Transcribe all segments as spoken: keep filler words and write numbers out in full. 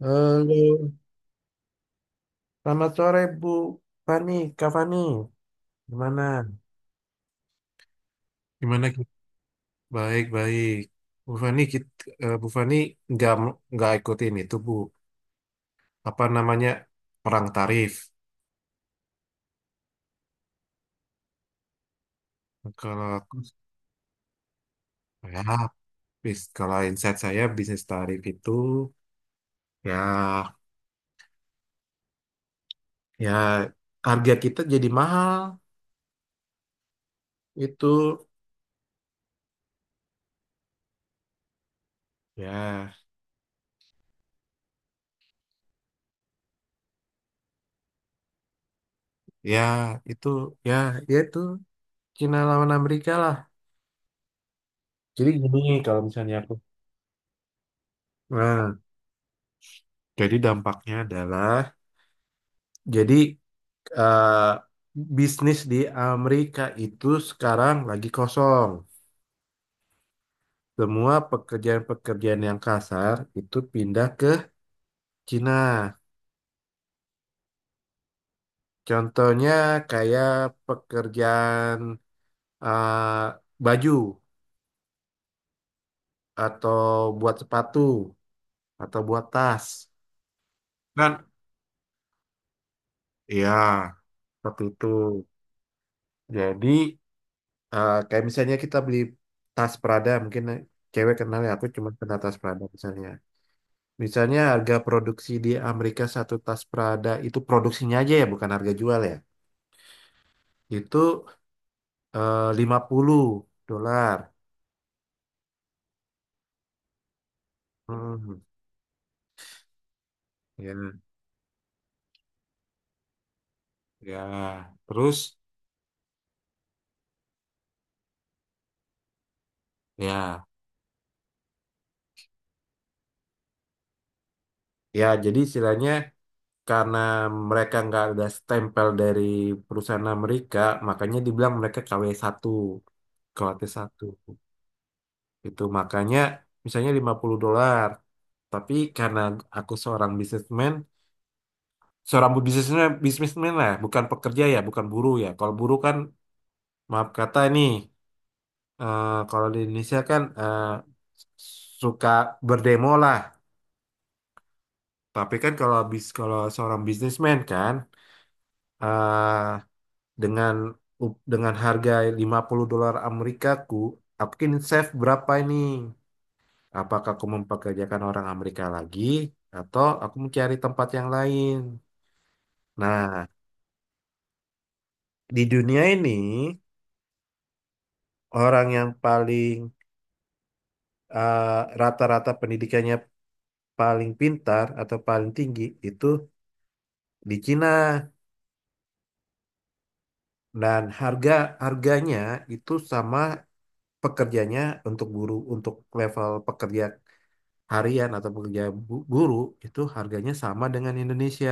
Halo, selamat sore Bu Fani, Kak Fani, gimana? Gimana? Ki? Baik, baik. Bu Fani, kita, eh, Bu Fani nggak nggak ikutin itu Bu. Apa namanya perang tarif? Kalau aku, ya, bis- kalau insight saya bisnis tarif itu, ya, ya, harga kita jadi mahal itu. Ya, ya, itu. Ya, ya, itu Cina lawan Amerika lah. Jadi gini, kalau misalnya aku. Nah. Jadi dampaknya adalah, jadi eh, bisnis di Amerika itu sekarang lagi kosong. Semua pekerjaan-pekerjaan yang kasar itu pindah ke Cina. Contohnya kayak pekerjaan, eh, baju, atau buat sepatu, atau buat tas. Kan? Iya, seperti itu. Jadi, eh, kayak misalnya kita beli tas Prada, mungkin cewek kenal ya, aku cuma kenal tas Prada misalnya. Misalnya harga produksi di Amerika satu tas Prada itu produksinya aja ya, bukan harga jual ya. Itu, eh, lima puluh dolar. Hmm, ya, ya. Terus, ya, ya. Jadi istilahnya, karena mereka nggak ada stempel dari perusahaan Amerika, makanya dibilang mereka K W satu, kw satu. K W T satu. Itu makanya misalnya lima puluh dolar. Tapi karena aku seorang businessman, seorang bisnismen bisnismen lah, bukan pekerja ya, bukan buruh ya, kalau buruh kan, maaf kata ini, eh, kalau di Indonesia kan, eh, suka berdemo lah. Tapi kan, kalau bis kalau seorang bisnismen kan, eh, dengan, up- dengan harga lima puluh dolar Amerika, ku aku mungkin save berapa ini. Apakah aku mempekerjakan orang Amerika lagi, atau aku mencari tempat yang lain. Nah, di dunia ini orang yang paling, eh, rata-rata pendidikannya paling pintar atau paling tinggi itu di Cina. Dan harga harganya itu sama pekerjanya. Untuk guru, untuk level pekerja harian atau pekerja, bu- guru, itu harganya sama dengan Indonesia,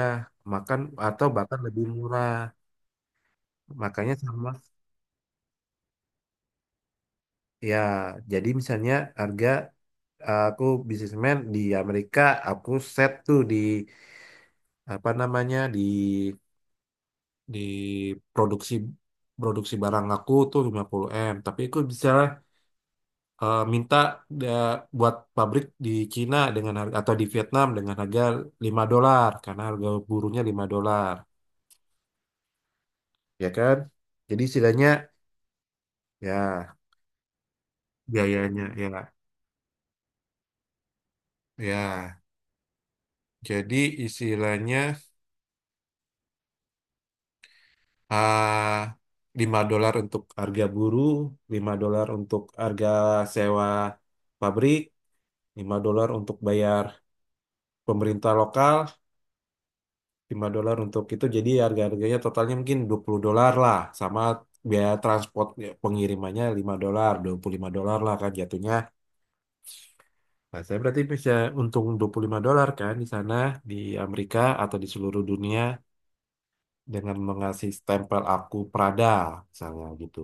makan, atau bahkan lebih murah, makanya sama. Ya, jadi misalnya harga, eh, aku bisnismen di Amerika, aku set tuh di apa namanya, di, di produksi, produksi barang aku tuh lima puluh m. Tapi aku bisa, eh, minta, da- buat pabrik di Cina dengan harga, atau di Vietnam dengan harga lima dolar, karena harga buruhnya lima dolar. Ya kan? Jadi istilahnya, ya, biayanya ya. Ya, jadi istilahnya, ah, lima dolar untuk harga buruh, lima dolar untuk harga sewa pabrik, lima dolar untuk bayar pemerintah lokal, lima dolar untuk itu. Jadi harga-harganya totalnya mungkin dua puluh dolar lah, sama biaya transport ya, pengirimannya lima dolar, dua puluh lima dolar lah kan jatuhnya. Nah, saya berarti bisa untung dua puluh lima dolar kan, di sana, di Amerika atau di seluruh dunia, dengan mengasih stempel aku Prada, misalnya gitu.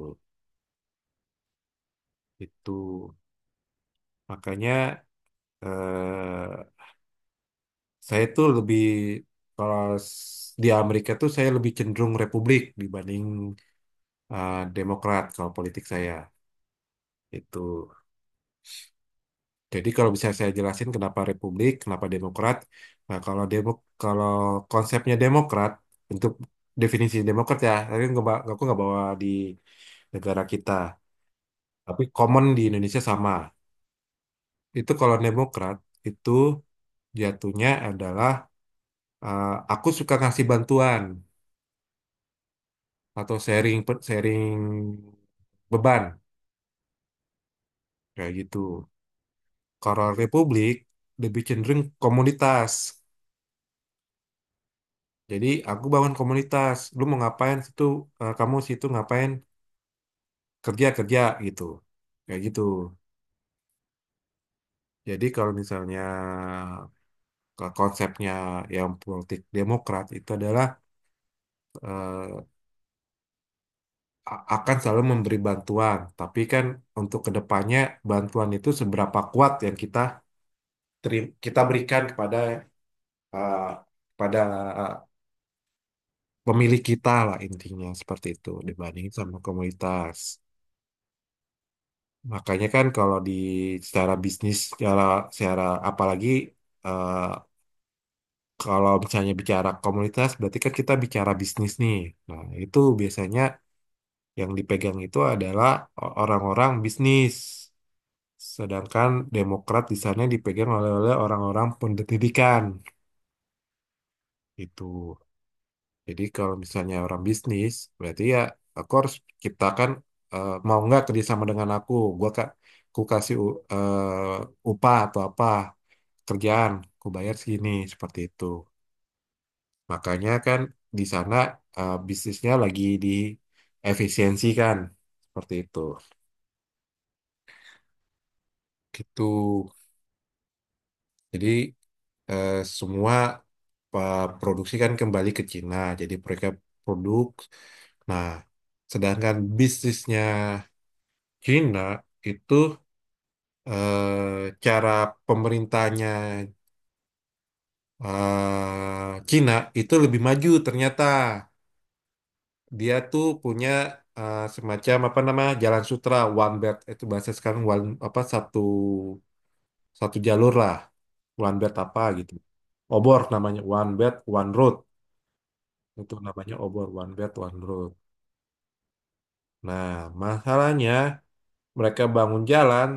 Itu makanya, eh, saya tuh lebih, kalau s- di Amerika tuh saya lebih cenderung Republik, dibanding, eh, Demokrat, kalau politik saya itu. Jadi kalau bisa saya jelasin kenapa Republik, kenapa Demokrat. Nah, kalau demo, kalau konsepnya Demokrat, untuk definisi Demokrat ya, tapi nggak, ba- aku nggak bawa di negara kita. Tapi common di Indonesia sama. Itu kalau Demokrat itu jatuhnya adalah, eh, aku suka ngasih bantuan, atau sharing, pe- sharing beban, kayak gitu. Kalau Republik lebih cenderung komunitas. Jadi aku bangun komunitas. Lu mau ngapain situ? eh, kamu situ ngapain? Kerja kerja gitu. Kayak gitu. Jadi kalau misalnya, ke- konsepnya yang politik demokrat itu adalah, eh, a- akan selalu memberi bantuan. Tapi kan, untuk kedepannya bantuan itu seberapa kuat yang kita terim- kita berikan kepada, eh, pada, eh, pemilik kita lah, intinya seperti itu, dibanding sama komunitas. Makanya kan kalau di secara bisnis, secara, secara apalagi, eh, kalau misalnya bicara komunitas, berarti kan kita bicara bisnis nih. Nah, itu biasanya yang dipegang itu adalah, o- orang-orang bisnis. Sedangkan Demokrat di sana dipegang oleh oleh orang-orang pendidikan. Itu. Jadi kalau misalnya orang bisnis, berarti ya aku harus ciptakan, eh, mau nggak kerjasama dengan aku. Gua kak, ku kasih, u- eh, upah atau apa, kerjaan, aku bayar segini, seperti itu. Makanya kan di sana, eh, bisnisnya lagi di efisiensi kan, seperti itu. Gitu. Jadi, eh, semua, eh, produksi kan kembali ke Cina, jadi mereka produk. Nah, sedangkan bisnisnya Cina itu, eh, cara pemerintahnya, eh, Cina itu lebih maju ternyata. Dia tuh punya, eh, semacam apa nama jalan sutra, one belt itu bahasa sekarang, one apa satu satu jalur lah, one belt apa gitu, obor namanya one belt one road, itu namanya obor one belt one road. Nah, masalahnya mereka bangun jalan,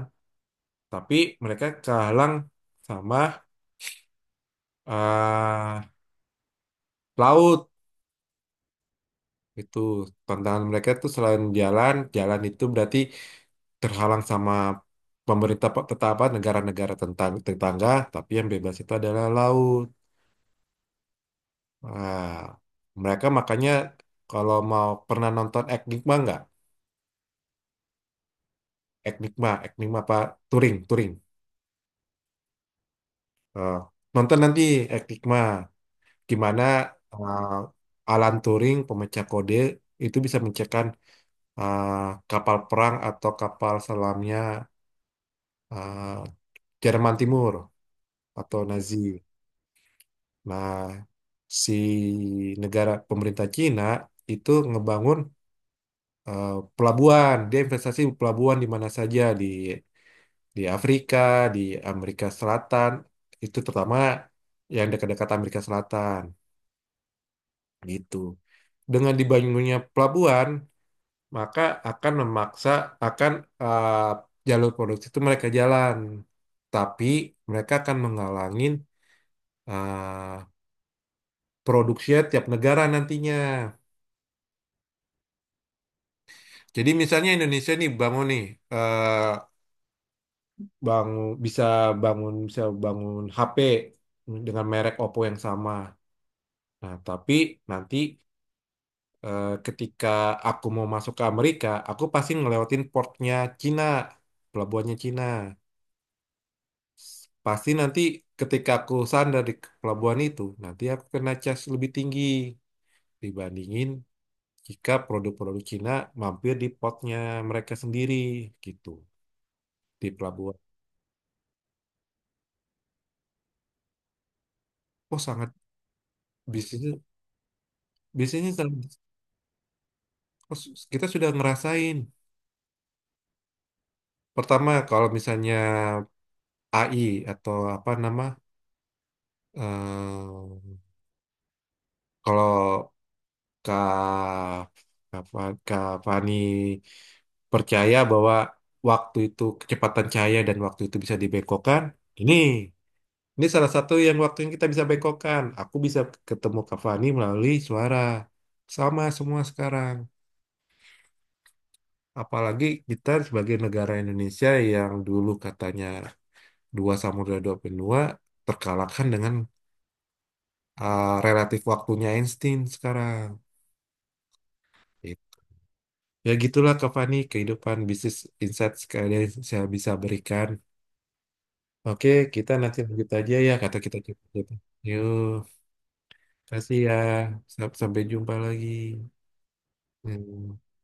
tapi mereka kehalang sama, eh, laut. Itu tantangan mereka tuh, selain jalan, jalan itu berarti terhalang sama pemerintah, pe- tetapa negara-negara tentang tetangga, tapi yang bebas itu adalah laut. Nah, mereka makanya, kalau mau, pernah nonton Enigma nggak? Enigma, Enigma apa? Turing, Turing. Eh, nonton nanti Enigma. Gimana, eh, Alan Turing, pemecah kode, itu bisa menciptakan, eh, kapal perang atau kapal selamnya, eh, Jerman Timur atau Nazi. Nah, si negara pemerintah Cina itu ngebangun, eh, pelabuhan. Dia investasi pelabuhan di mana saja, di di Afrika, di Amerika Selatan, itu terutama yang dekat-dekat Amerika Selatan, gitu. Dengan dibangunnya pelabuhan, maka akan memaksa, akan, eh, jalur produksi itu mereka jalan. Tapi mereka akan menghalangin, eh, produksinya tiap negara nantinya. Jadi misalnya Indonesia nih, bangun nih eh bangun bisa bangun bisa bangun H P dengan merek Oppo yang sama. Nah, tapi nanti, eh, ketika aku mau masuk ke Amerika, aku pasti ngelewatin portnya Cina, pelabuhannya Cina. Pasti nanti ketika aku sandar di pelabuhan itu, nanti aku kena cas lebih tinggi, dibandingin jika produk-produk Cina mampir di portnya mereka sendiri, gitu. Di pelabuhan. Oh sangat, bisnisnya bisnisnya sangat- oh, su- kita sudah ngerasain. Pertama kalau misalnya A I, atau apa nama, eh, kalau Kak Kak Fa- Kak Fani percaya bahwa waktu itu kecepatan cahaya dan waktu itu bisa dibengkokkan. Ini ini salah satu yang waktu yang kita bisa bengkokkan. Aku bisa ketemu Kak Fani melalui suara. Sama semua sekarang. Apalagi kita sebagai negara Indonesia yang dulu katanya dua samudra dua benua terkalahkan dengan, uh, relatif waktunya Einstein sekarang. Gitu. Ya gitulah Kak Fani, kehidupan bisnis, insight sekali yang saya bisa berikan. Oke, kita nanti lanjut aja ya, kata kita. Yuk, kasih ya. Sam- Sampai jumpa lagi. Hmm.